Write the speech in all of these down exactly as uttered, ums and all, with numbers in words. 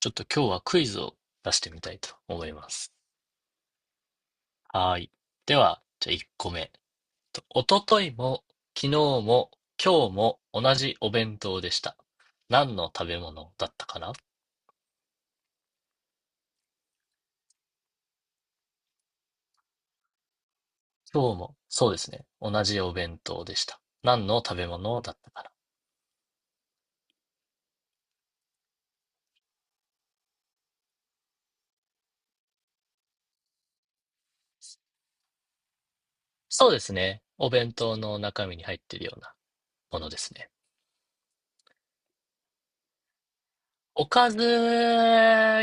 ちょっと今日はクイズを出してみたいと思います。はーい。では、じゃあいっこめ。とおとといも、昨日も、今日も同じお弁当でした。何の食べ物だったかな。今日も、そうですね。同じお弁当でした。何の食べ物だったかな。そうですね。お弁当の中身に入っているようなものですね。おかず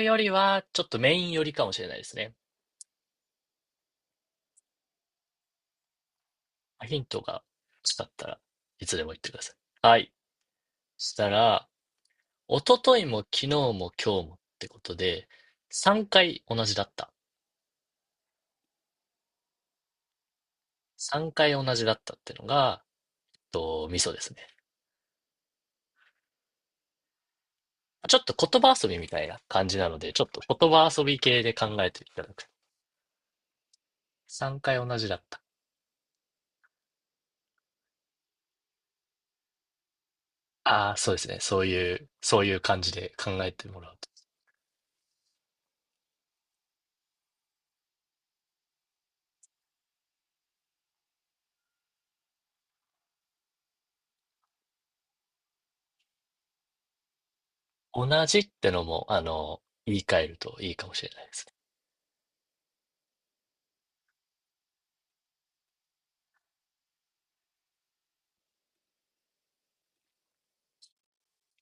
よりは、ちょっとメインよりかもしれないですね。ヒントが欲しかったらいつでも言ってください。はい。したら、一昨日も昨日も今日もってことで、さんかい同じだった。さんかい同じだったってのが、と、ミソですね。ちょっと言葉遊びみたいな感じなので、ちょっと言葉遊び系で考えていただくと。さんかい同じだった。ああ、そうですね。そういう、そういう感じで考えてもらうと。同じってのも、あの、言い換えるといいかもしれないですね。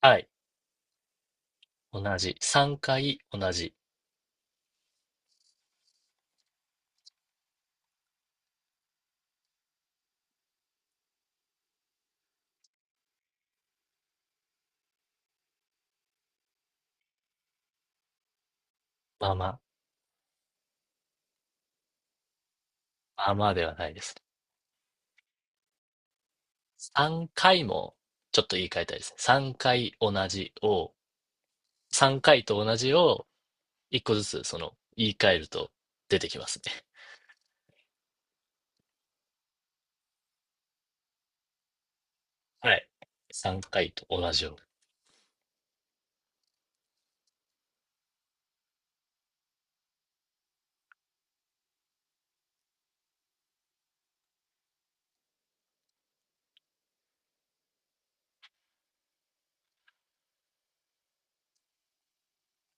はい。同じ。さんかい同じ。まあまあ、まあまあではないですね。さんかいも、ちょっと言い換えたいですね。さんかい同じを、さんかいと同じを、いっこずつ、その、言い換えると出てきますね。はい。さんかいと同じを。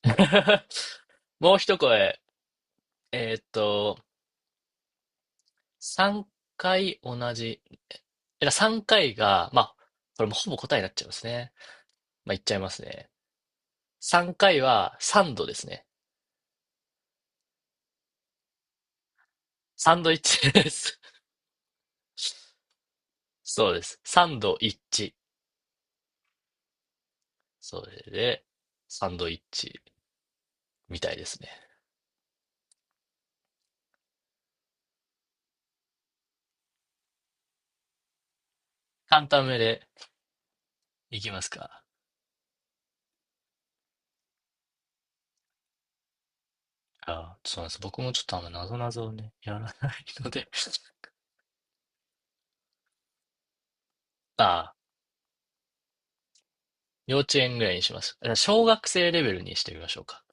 もう一声。えーっと、さんかい同じ。えら、さんかいが、まあ、これもほぼ答えになっちゃいますね。まあ、言っちゃいますね。さんかいは、サンドですね。サンドイッチです。そうです。サンドイッチ。それで、サンドイッチ。みたいですね。簡単めでいきますか。あ、そうなんです。僕もちょっとあんま謎々をね、やらないので。ああ、幼稚園ぐらいにします。じゃあ小学生レベルにしてみましょうか。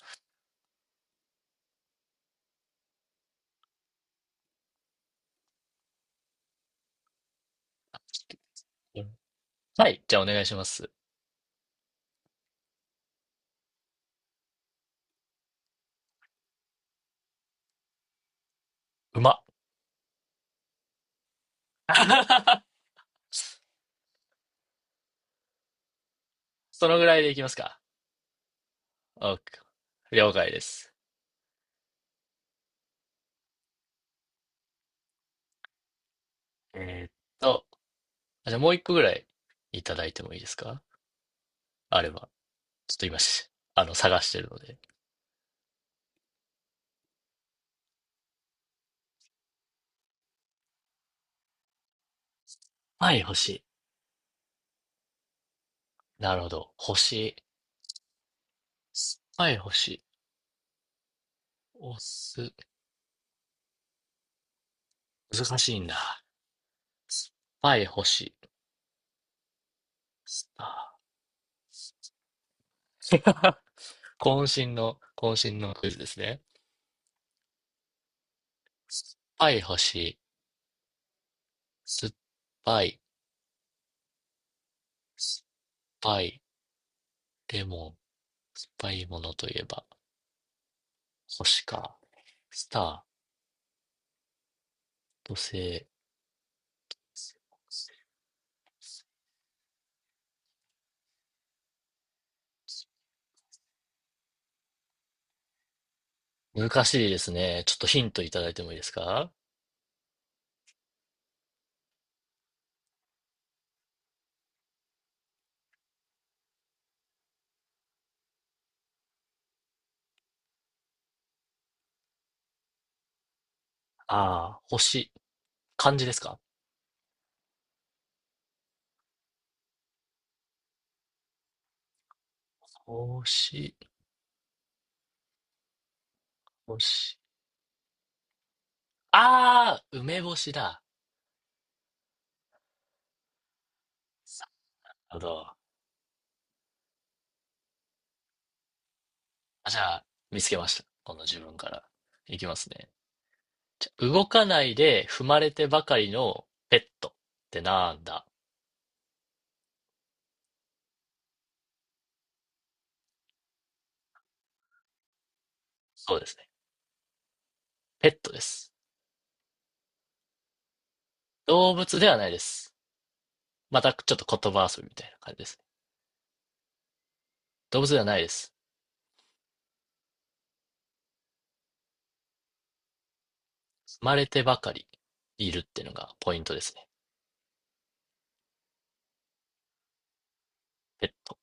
はい。じゃあお願いします。うまっ。そのぐらいでいきますか。OK。了解です。えーっと、じゃあもう一個ぐらいいただいてもいいですか、あれば。ちょっと今し、あの、探してるので。はい、星。なるほど。星。はい、星。おす。難しいんだ。パイ星。あー。 渾身の、渾身のクイズですね。パイ星、酸っぱい、酸っぱい、レモン、酸っぱいものといえば、星か。スター、土星。難しいですね。ちょっとヒントいただいてもいいですか。ああー、星。漢字ですか。星、星。ああ、梅干しだ。なるほど。あ、じゃあ、見つけました。この自分から。いきますね。動かないで踏まれてばかりのペットってなんだ。そうですね。ペットです。動物ではないです。またちょっと言葉遊びみたいな感じですね。動物ではないです。踏まれてばかりいるっていうのがポイントですね。ペット。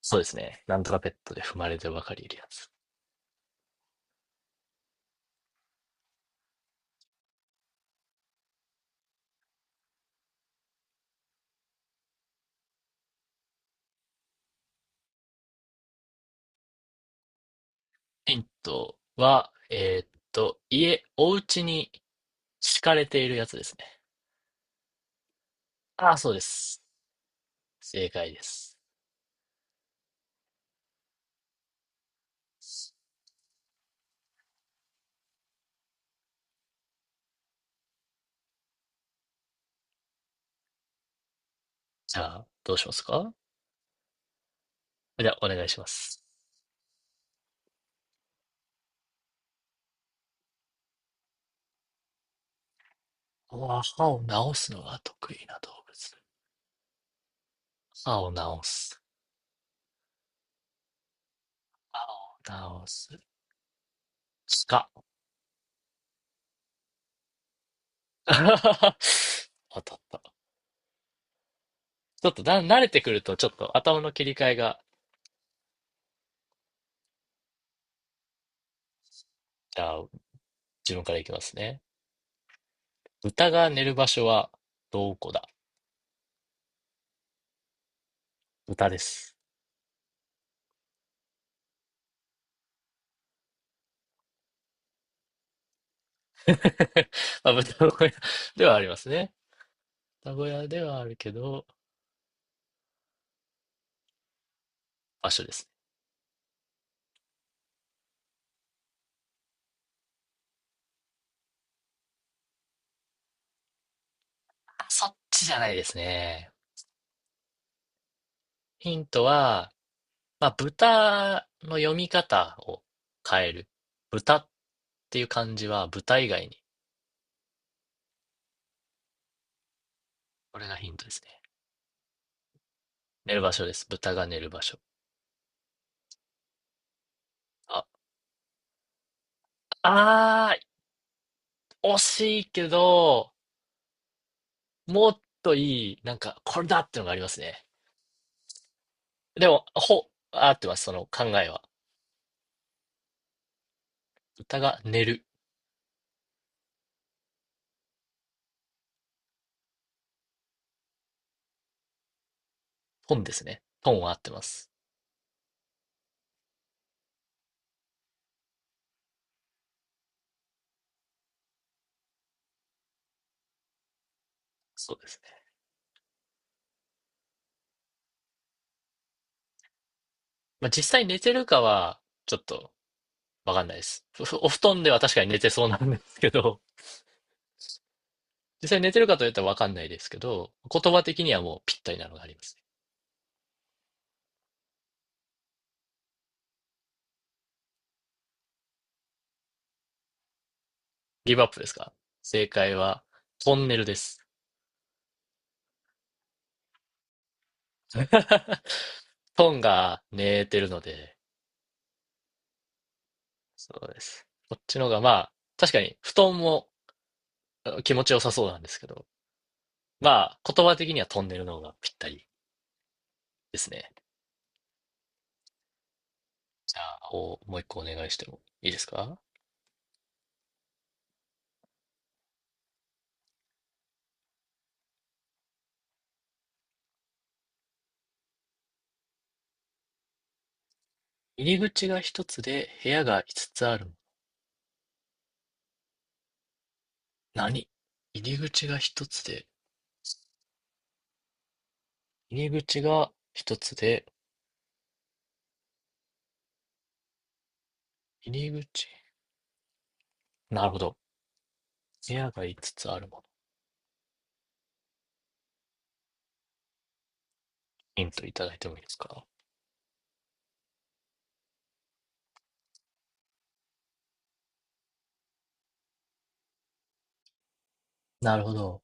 そうですね。なんとかペットで踏まれてばかりいるやつ。ヒントは、えーっと、家、お家に敷かれているやつですね。ああ、そうです。正解です。じゃあ、どうしますか。じゃあ、お願いします。わ歯を治すのが得意な動物。歯を治す。歯を治す。鹿。当たった。ちょっとだ慣れてくると、ちょっと頭の切り替えが、じゃあ、自分からいきますね。豚が寝る場所は、どこだ。豚です。まあ、豚小屋ではありますね。豚小屋ではあるけど、場所ですね。あ、そっちじゃないですね。ヒントは、まあ、豚の読み方を変える。豚っていう漢字は豚以外に。これがヒントですね。寝る場所です。豚が寝る場所。あ、あー、惜しいけど、もっといい、なんか、これだってのがありますね。でも、ほ、合ってます、その考えは。豚が寝る。本ですね。本は合ってます。そうですね。まあ、実際寝てるかは、ちょっと、わかんないです。ふふお布団では確かに寝てそうなんですけど、実際寝てるかと言ったらわかんないですけど、言葉的にはもうぴったりなのがありますね。ギブアップですか。正解は、トンネルです。トンが寝てるので、そうです。こっちの方がまあ、確かに布団も気持ちよさそうなんですけど、まあ、言葉的にはトンネルの方がぴったりですね。じゃあ、おもう一個お願いしてもいいですか。入り口が一つで部屋が五つある。何。入り口が一つで、入り口が一つで、入り口、なるほど。部屋がいつつつあるもの。ヒントいただいてもいいですか。なるほど。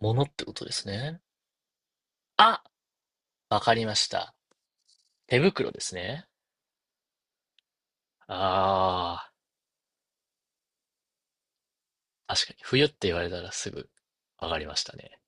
ものってことですね。あ、わかりました。手袋ですね。ああ、確かに冬って言われたらすぐわかりましたね。